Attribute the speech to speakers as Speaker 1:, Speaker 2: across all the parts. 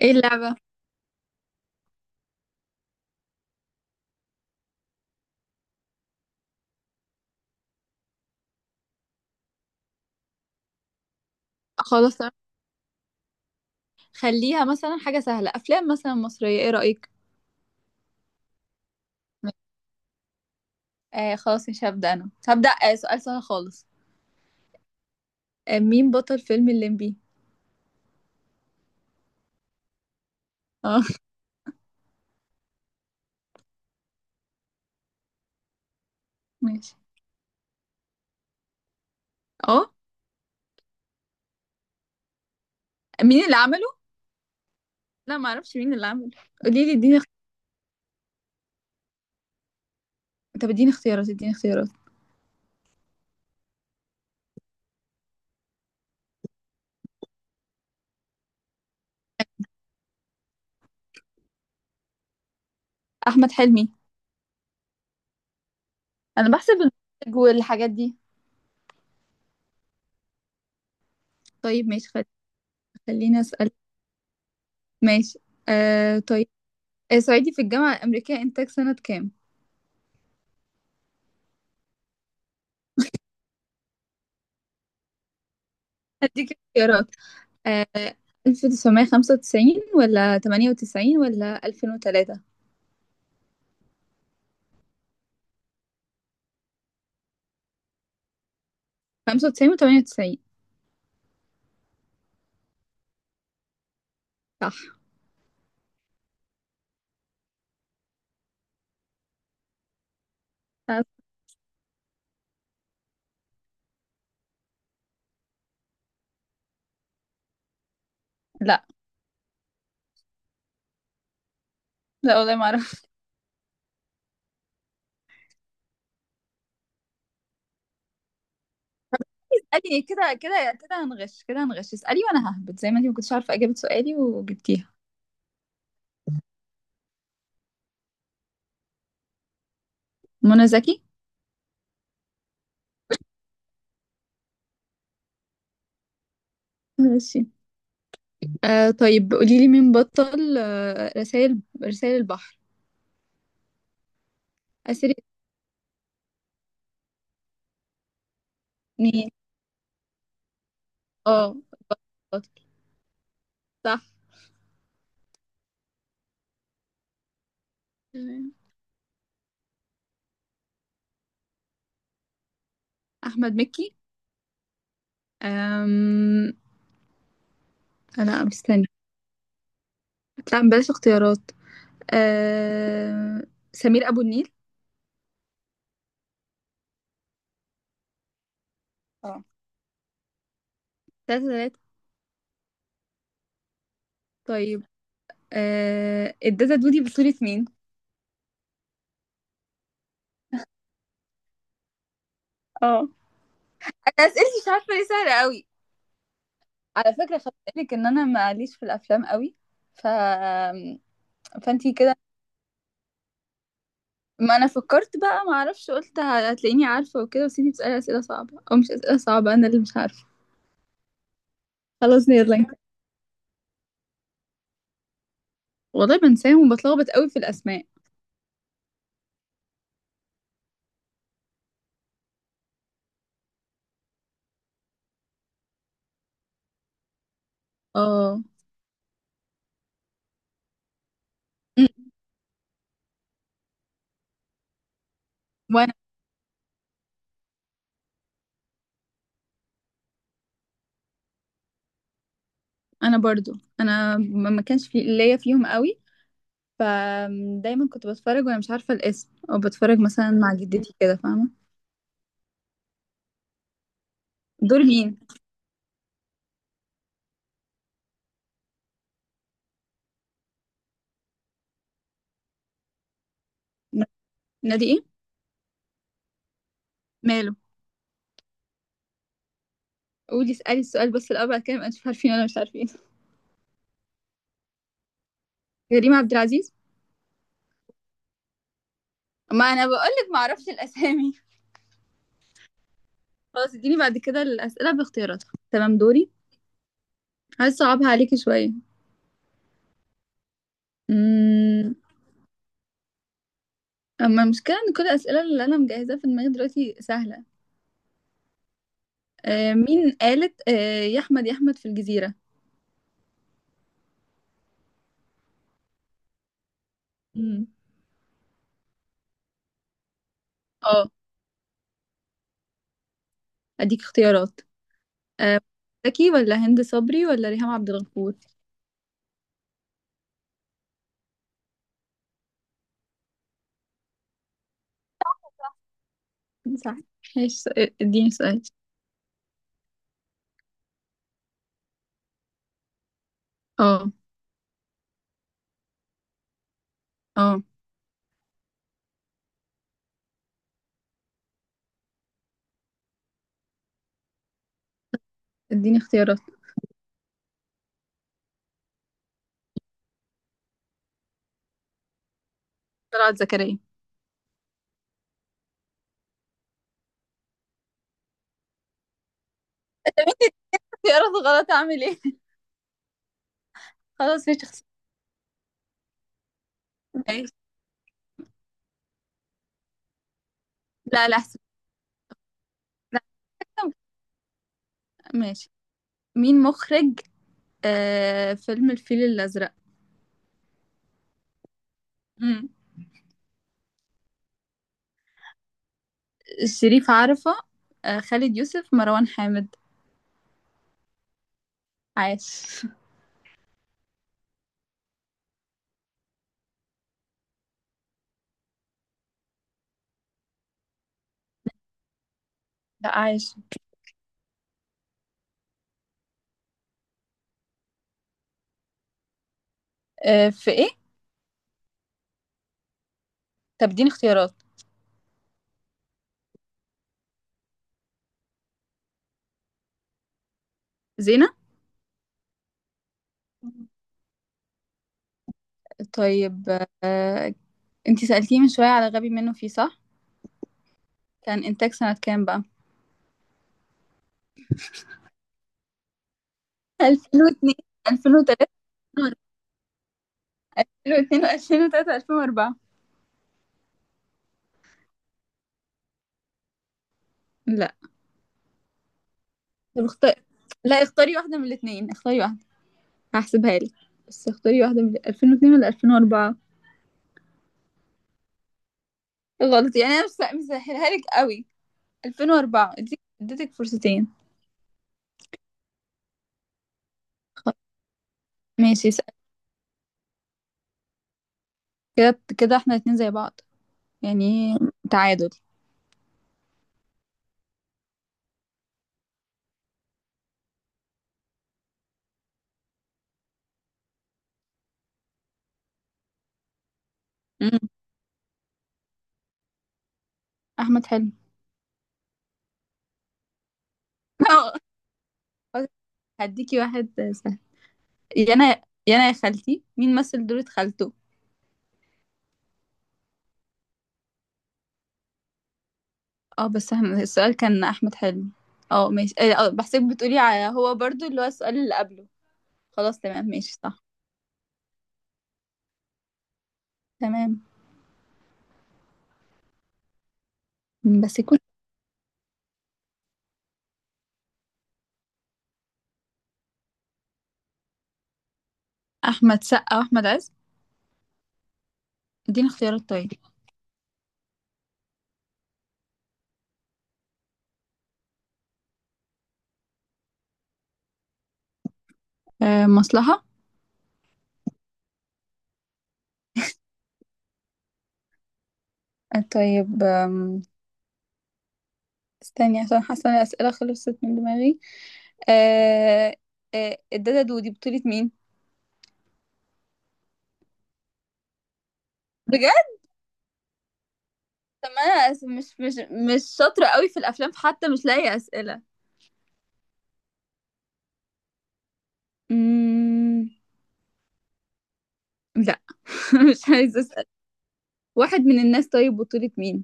Speaker 1: ايه اللعبة؟ خلاص تمام. خليها مثلا حاجة سهلة، أفلام مثلا مصرية، ايه رأيك؟ آه خلاص، مش هبدأ أنا هبدأ. سؤال سهل خالص. مين بطل فيلم الليمبي؟ اه. ماشي. اه، مين اللي عمله؟ لا ما اعرفش مين اللي عمله. قولي لي، اديني طب اديني اختيارات، اديني اختيارات. أحمد حلمي. أنا بحسب المخرج والحاجات دي. طيب ماشي، خليني أسأل. ماشي. طيب. صعيدي في الجامعة الأمريكية، إنتاج سنة كام؟ هديك اختيارات. آه 1995 ولا 98 ولا 2003؟ 95 و98. صح. أه، لا لا، والله ما اعرف. اسألي كده كده كده، هنغش كده، هنغش. اسألي وانا ههبط، زي ما انتي ما كنتش عارفة اجابة سؤالي وجبتيها. منى زكي. ماشي. طيب قولي لي، مين بطل رسائل البحر؟ أسر. مين. اه. بطل. صح. تمام. أحمد مكي. أم... لا مستني. لا بلاش اختيارات. أم... سمير أبو النيل. اه. تلاتة تلاتة. طيب. الداتا دودي بصورة مين؟ اه. انا اسئلتي مش عارفه ليه سهله قوي. على فكره خدت بالك ان انا ماليش في الافلام قوي؟ ف فانتي كده. ما انا فكرت بقى، ما اعرفش، قلت هتلاقيني عارفه وكده، بس انتي بتسالي اسئله صعبه او مش اسئله صعبه، انا اللي مش عارفه. خلاص يلا انت. والله بنساهم وبتلخبط قوي في الاسماء. اه. أمم، وانا انا برضو. انا ما كانش في ليا فيهم قوي. فدايما كنت بتفرج وانا مش عارفه الاسم، او بتفرج مثلا مع جدتي كده، فاهمه؟ دور مين؟ ن- نادي ايه؟ ماله؟ اسالي السؤال بس الاول، بعد كده ما انتوا عارفين ولا مش عارفين. كريم عبد العزيز. ما انا بقول لك ما اعرفش الاسامي. خلاص اديني بعد كده الاسئله باختياراتها، تمام؟ دوري. عايز اصعبها عليكي شويه. امم اما المشكله ان كل الاسئله اللي انا مجهزاها في دماغي دلوقتي سهله. مين قالت آه يا احمد يا احمد في الجزيره؟ امم اه. اديك اختيارات. آه، زكي ولا هند صبري ولا ريهام عبد الغفور؟ صح. ماشي. اديني سؤال. اه اه. اديني اختيارات. طلعت زكريا. اختيارات غلط، اعمل ايه؟ خلاص مش اختيار. ماشي. لا لا احسن. لا، أحسن. ماشي. مين مخرج فيلم الفيل الأزرق؟ مم. شريف عرفة، خالد يوسف، مروان حامد؟ عاش. لا، عاش. في ايه؟ طب اديني اختيارات. زينة. طيب. آه انتي سألتيني من شوية على غبي منه فيه، صح؟ كان إنتاج سنة كام بقى؟ 2002. 2003، 2002، 2003، 2004. لا. طب اختار. لا، اختاري واحدة من الاتنين، اختاري واحدة، هحسبها لك. بس اختاري واحدة، من 2002 ولا 2004؟ غلط، يعني انا مش مسهلها لك قوي. 2004. اديتك فرصتين. خ- ماشي اسأل. كده كده احنا الاتنين زي بعض، يعني تعادل. مم. احمد حلمي. خلاص، هديكي واحد سهل. يانا، يانا يا خالتي، مين مثل دورة خالته؟ اه بس احنا السؤال كان احمد حلمي. اه ماشي، اه، بحسك بتقولي على هو برضو اللي هو السؤال اللي قبله. خلاص تمام ماشي، صح. تمام بس يكون. احمد سقا واحمد عز. اديني اختيارات طيب. مصلحة. طيب استني، عشان حاسة ان الاسئلة خلصت من دماغي. آه آه الدادة دودي بطولة مين؟ بجد. طب ما انا مش مش شاطرة قوي في الافلام، فحتى مش لاقي اسئلة. مم... لا. مش عايزة اسأل. واحد من الناس، طيب بطولة مين؟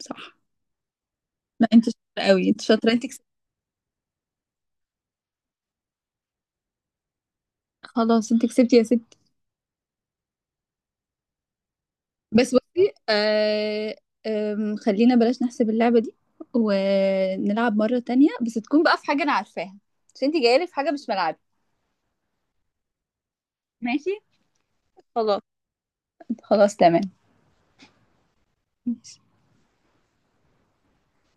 Speaker 1: صح. لا انت شاطره قوي، انت شاطره، انت كسبتي. خلاص انت كسبتي يا ستي. بس بصي، خلينا بلاش نحسب اللعبه دي، ونلعب مره تانية، بس تكون بقى في حاجه انا عارفاها، عشان انت جايه لي في حاجه مش ملعبي. ماشي. خلاص. خلاص تمام